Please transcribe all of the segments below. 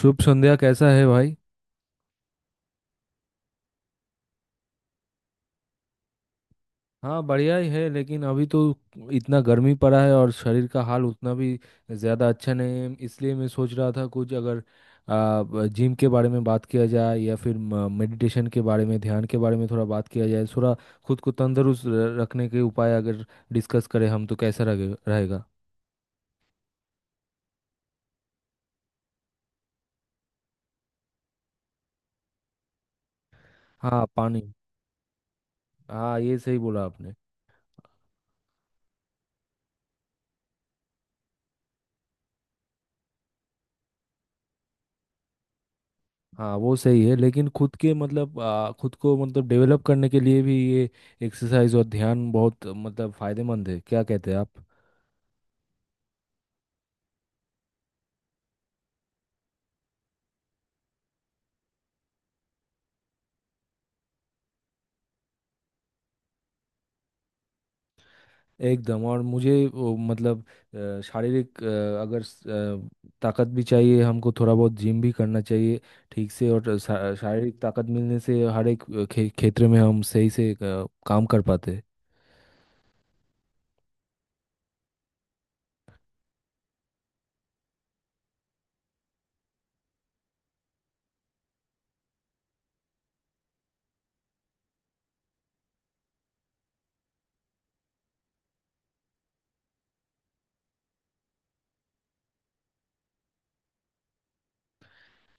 शुभ संध्या। कैसा है भाई? हाँ, बढ़िया ही है, लेकिन अभी तो इतना गर्मी पड़ा है और शरीर का हाल उतना भी ज़्यादा अच्छा नहीं है। इसलिए मैं सोच रहा था कुछ अगर जिम के बारे में बात किया जाए या फिर मेडिटेशन के बारे में, ध्यान के बारे में थोड़ा बात किया जाए। थोड़ा खुद को तंदुरुस्त रखने के उपाय अगर डिस्कस करें हम तो कैसा रहेगा? हाँ, पानी। हाँ, ये सही बोला आपने। हाँ, वो सही है, लेकिन खुद के मतलब खुद को मतलब डेवलप करने के लिए भी ये एक्सरसाइज और ध्यान बहुत मतलब फायदेमंद है। क्या कहते हैं आप? एकदम। और मुझे मतलब शारीरिक अगर ताकत भी चाहिए हमको, थोड़ा बहुत जिम भी करना चाहिए ठीक से। और शारीरिक ताकत मिलने से हर एक क्षेत्र में हम सही से काम कर पाते हैं।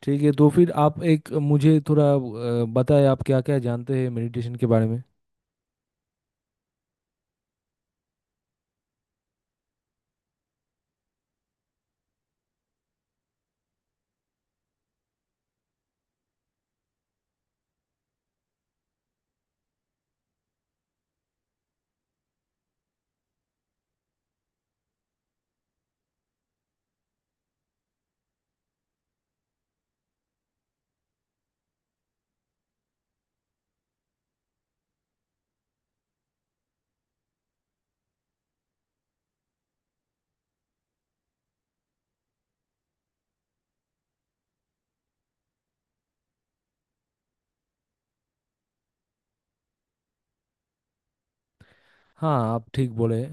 ठीक है, तो फिर आप एक मुझे थोड़ा बताएं, आप क्या क्या जानते हैं मेडिटेशन के बारे में? हाँ, आप ठीक बोले।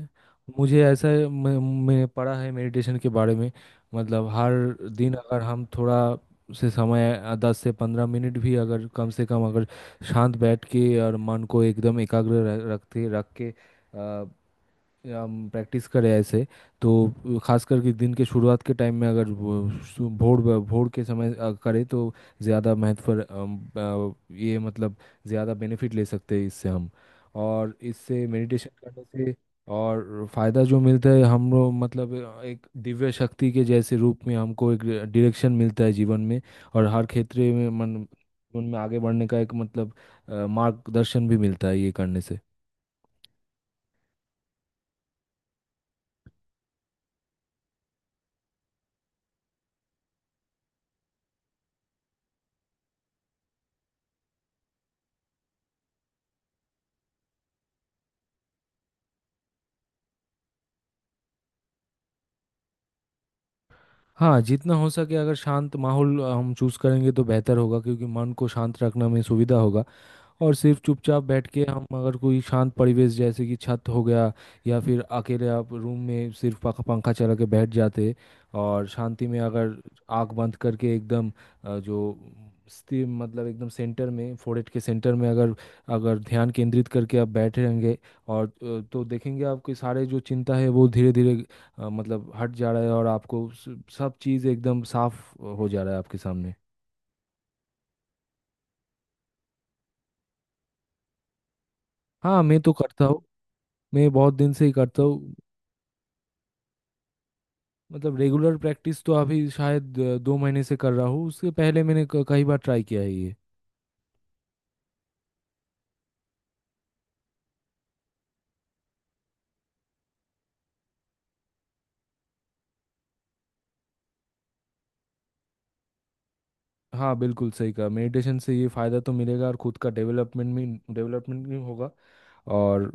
मुझे ऐसा है, मैं पढ़ा है मेडिटेशन के बारे में। मतलब हर दिन अगर हम थोड़ा से समय 10 से 15 मिनट भी अगर कम से कम अगर शांत बैठ के और मन को एकदम एकाग्र रखते रख के अ, हम प्रैक्टिस करें ऐसे, तो खास करके दिन के शुरुआत के टाइम में अगर वो भोर भोर के समय करें तो ज़्यादा महत्व ये मतलब ज़्यादा बेनिफिट ले सकते हैं इससे हम। और इससे मेडिटेशन करने से और फायदा जो मिलता है, हम लोग मतलब एक दिव्य शक्ति के जैसे रूप में हमको एक डायरेक्शन मिलता है जीवन में। और हर क्षेत्र में मन, जीवन में आगे बढ़ने का एक मतलब मार्गदर्शन भी मिलता है ये करने से। हाँ, जितना हो सके अगर शांत माहौल हम चूज करेंगे तो बेहतर होगा, क्योंकि मन को शांत रखने में सुविधा होगा और सिर्फ चुपचाप बैठ के हम अगर कोई शांत परिवेश, जैसे कि छत हो गया या फिर अकेले आप रूम में सिर्फ पंखा पंखा चला के बैठ जाते और शांति में अगर आंख बंद करके एकदम जो स्थिर मतलब एकदम सेंटर में, फोrehead के सेंटर में अगर अगर ध्यान केंद्रित करके आप बैठे रहेंगे और तो देखेंगे आपके सारे जो चिंता है वो धीरे धीरे मतलब हट जा रहा है, और आपको सब चीज़ एकदम साफ हो जा रहा है आपके सामने। हाँ, मैं तो करता हूँ। मैं बहुत दिन से ही करता हूँ। मतलब रेगुलर प्रैक्टिस तो अभी शायद 2 महीने से कर रहा हूँ। उसके पहले मैंने कई बार ट्राई किया है ये। हाँ बिल्कुल सही कहा, मेडिटेशन से ये फ़ायदा तो मिलेगा और खुद का डेवलपमेंट में डेवलपमेंट भी होगा। और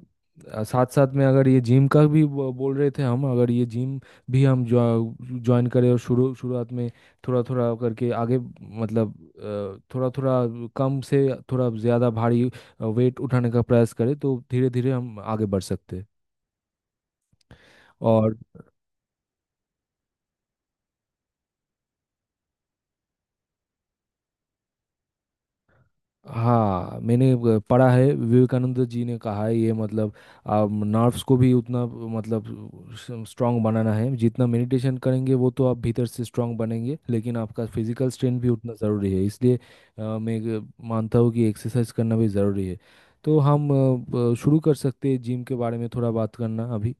साथ साथ में अगर ये जिम का भी बोल रहे थे, हम अगर ये जिम भी हम ज्वाइन करें, और शुरू शुरुआत में थोड़ा थोड़ा करके आगे मतलब थोड़ा थोड़ा कम से थोड़ा ज़्यादा भारी वेट उठाने का प्रयास करें तो धीरे धीरे हम आगे बढ़ सकते हैं। और हाँ, मैंने पढ़ा है, विवेकानंद जी ने कहा है ये मतलब नर्व्स को भी उतना मतलब स्ट्रांग बनाना है। जितना मेडिटेशन करेंगे वो तो आप भीतर से स्ट्रांग बनेंगे, लेकिन आपका फिजिकल स्ट्रेंथ भी उतना ज़रूरी है। इसलिए मैं एक मानता हूँ कि एक्सरसाइज करना भी ज़रूरी है। तो हम शुरू कर सकते हैं जिम के बारे में थोड़ा बात करना अभी।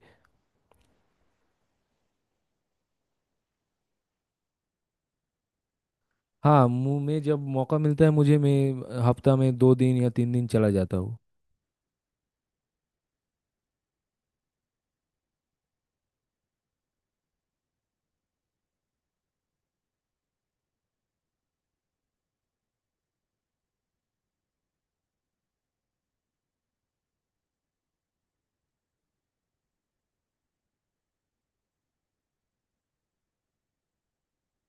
हाँ, मैं जब मौका मिलता है मुझे, मैं हफ्ता में 2 दिन या 3 दिन चला जाता हूँ।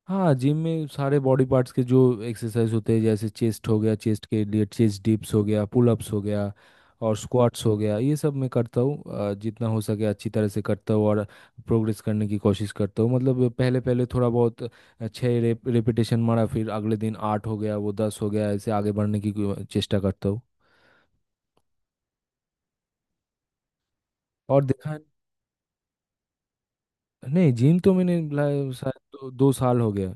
हाँ, जिम में सारे बॉडी पार्ट्स के जो एक्सरसाइज होते हैं, जैसे चेस्ट हो गया, चेस्ट के लिए चेस्ट डिप्स हो गया, पुल अप्स हो गया, और स्क्वाट्स हो गया, ये सब मैं करता हूँ। जितना हो सके अच्छी तरह से करता हूँ और प्रोग्रेस करने की कोशिश करता हूँ। मतलब पहले पहले थोड़ा बहुत 6 रेपिटेशन मारा, फिर अगले दिन 8 हो गया, वो 10 हो गया, ऐसे आगे बढ़ने की चेष्टा करता हूँ। और देखा, नहीं जिम तो मैंने शायद दो साल हो गया।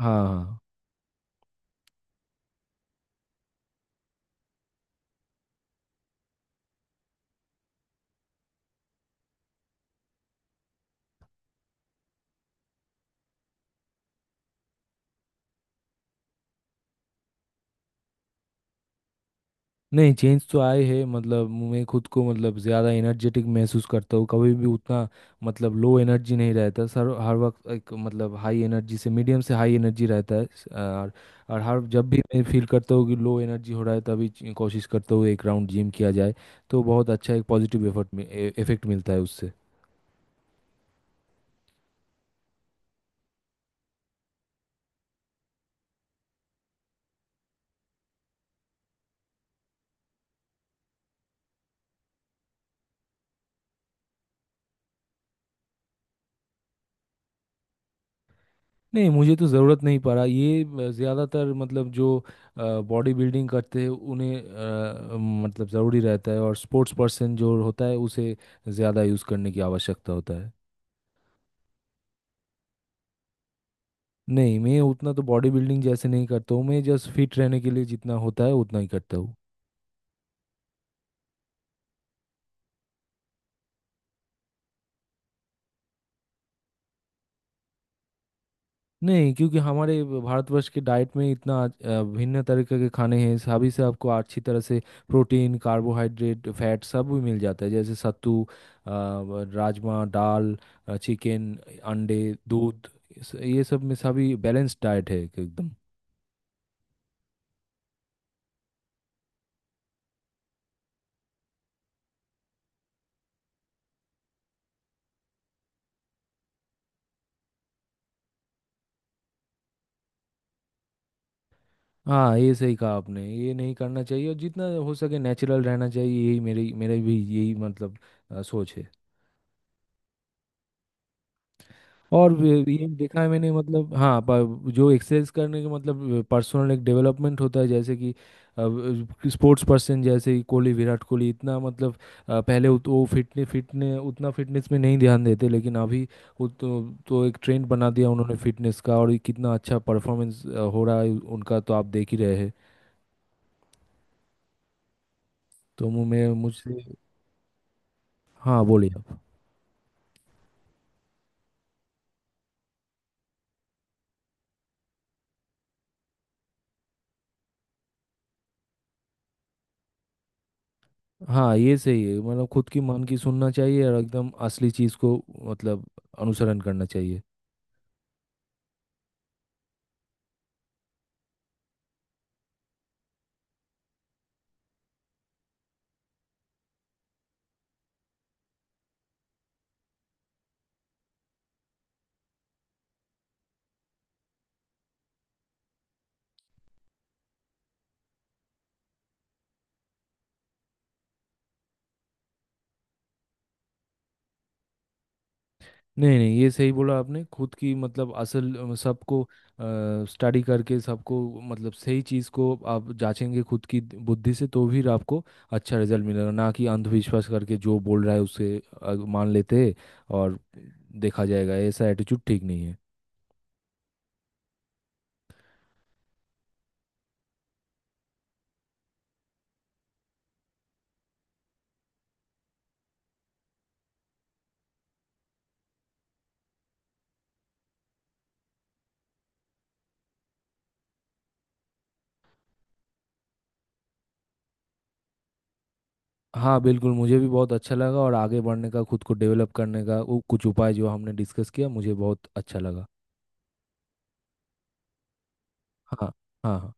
हाँ हाँ। नहीं, चेंज तो आए हैं, मतलब मैं खुद को मतलब ज़्यादा एनर्जेटिक महसूस करता हूँ। कभी भी उतना मतलब लो एनर्जी नहीं रहता सर। हर वक्त एक मतलब हाई एनर्जी से मीडियम से हाई एनर्जी रहता है। और हर जब भी मैं फील करता हूँ कि लो एनर्जी हो रहा है तभी कोशिश करता हूँ एक राउंड जिम किया जाए, तो बहुत अच्छा एक पॉजिटिव एफर्ट इफेक्ट मिलता है उससे। नहीं, मुझे तो ज़रूरत नहीं पड़ा ये। ज़्यादातर मतलब जो बॉडी बिल्डिंग करते हैं उन्हें मतलब ज़रूरी रहता है, और स्पोर्ट्स पर्सन जो होता है उसे ज़्यादा यूज़ करने की आवश्यकता होता है। नहीं, मैं उतना तो बॉडी बिल्डिंग जैसे नहीं करता हूँ। मैं जस्ट फिट रहने के लिए जितना होता है उतना ही करता हूँ। नहीं, क्योंकि हमारे भारतवर्ष के डाइट में इतना भिन्न तरीके के खाने हैं, सभी से आपको अच्छी तरह से प्रोटीन, कार्बोहाइड्रेट, फैट सब भी मिल जाता है। जैसे सत्तू, राजमा, दाल, चिकन, अंडे, दूध, ये सब में सभी बैलेंस डाइट है एक- एकदम। हाँ, ये सही कहा आपने, ये नहीं करना चाहिए। और जितना हो सके नेचुरल रहना चाहिए, यही मेरी मेरे भी यही मतलब सोच है। और ये देखा है मैंने मतलब, हाँ, जो एक्सरसाइज करने के मतलब पर्सनल एक डेवलपमेंट होता है, जैसे कि स्पोर्ट्स पर्सन जैसे कि कोहली, विराट कोहली, इतना मतलब पहले वो फिटने फिटने उतना फिटनेस में नहीं ध्यान देते, लेकिन अभी वो तो एक ट्रेंड बना दिया उन्होंने फिटनेस का, और ये कितना अच्छा परफॉर्मेंस हो रहा है उनका तो आप देख ही रहे हैं। तो मु- मैं मुझसे हाँ, बोलिए आप। हाँ, ये सही है, मतलब खुद की मन की सुनना चाहिए, और एकदम असली चीज़ को मतलब अनुसरण करना चाहिए। नहीं नहीं, ये सही बोला आपने, खुद की मतलब असल सबको स्टडी करके, सबको मतलब सही चीज़ को आप जांचेंगे खुद की बुद्धि से, तो भी आपको अच्छा रिजल्ट मिलेगा, ना कि अंधविश्वास करके जो बोल रहा है उसे मान लेते हैं, और देखा जाएगा। ऐसा एटीट्यूड ठीक नहीं है। हाँ बिल्कुल, मुझे भी बहुत अच्छा लगा, और आगे बढ़ने का, खुद को डेवलप करने का वो कुछ उपाय जो हमने डिस्कस किया, मुझे बहुत अच्छा लगा। हाँ, हाँ, हाँ।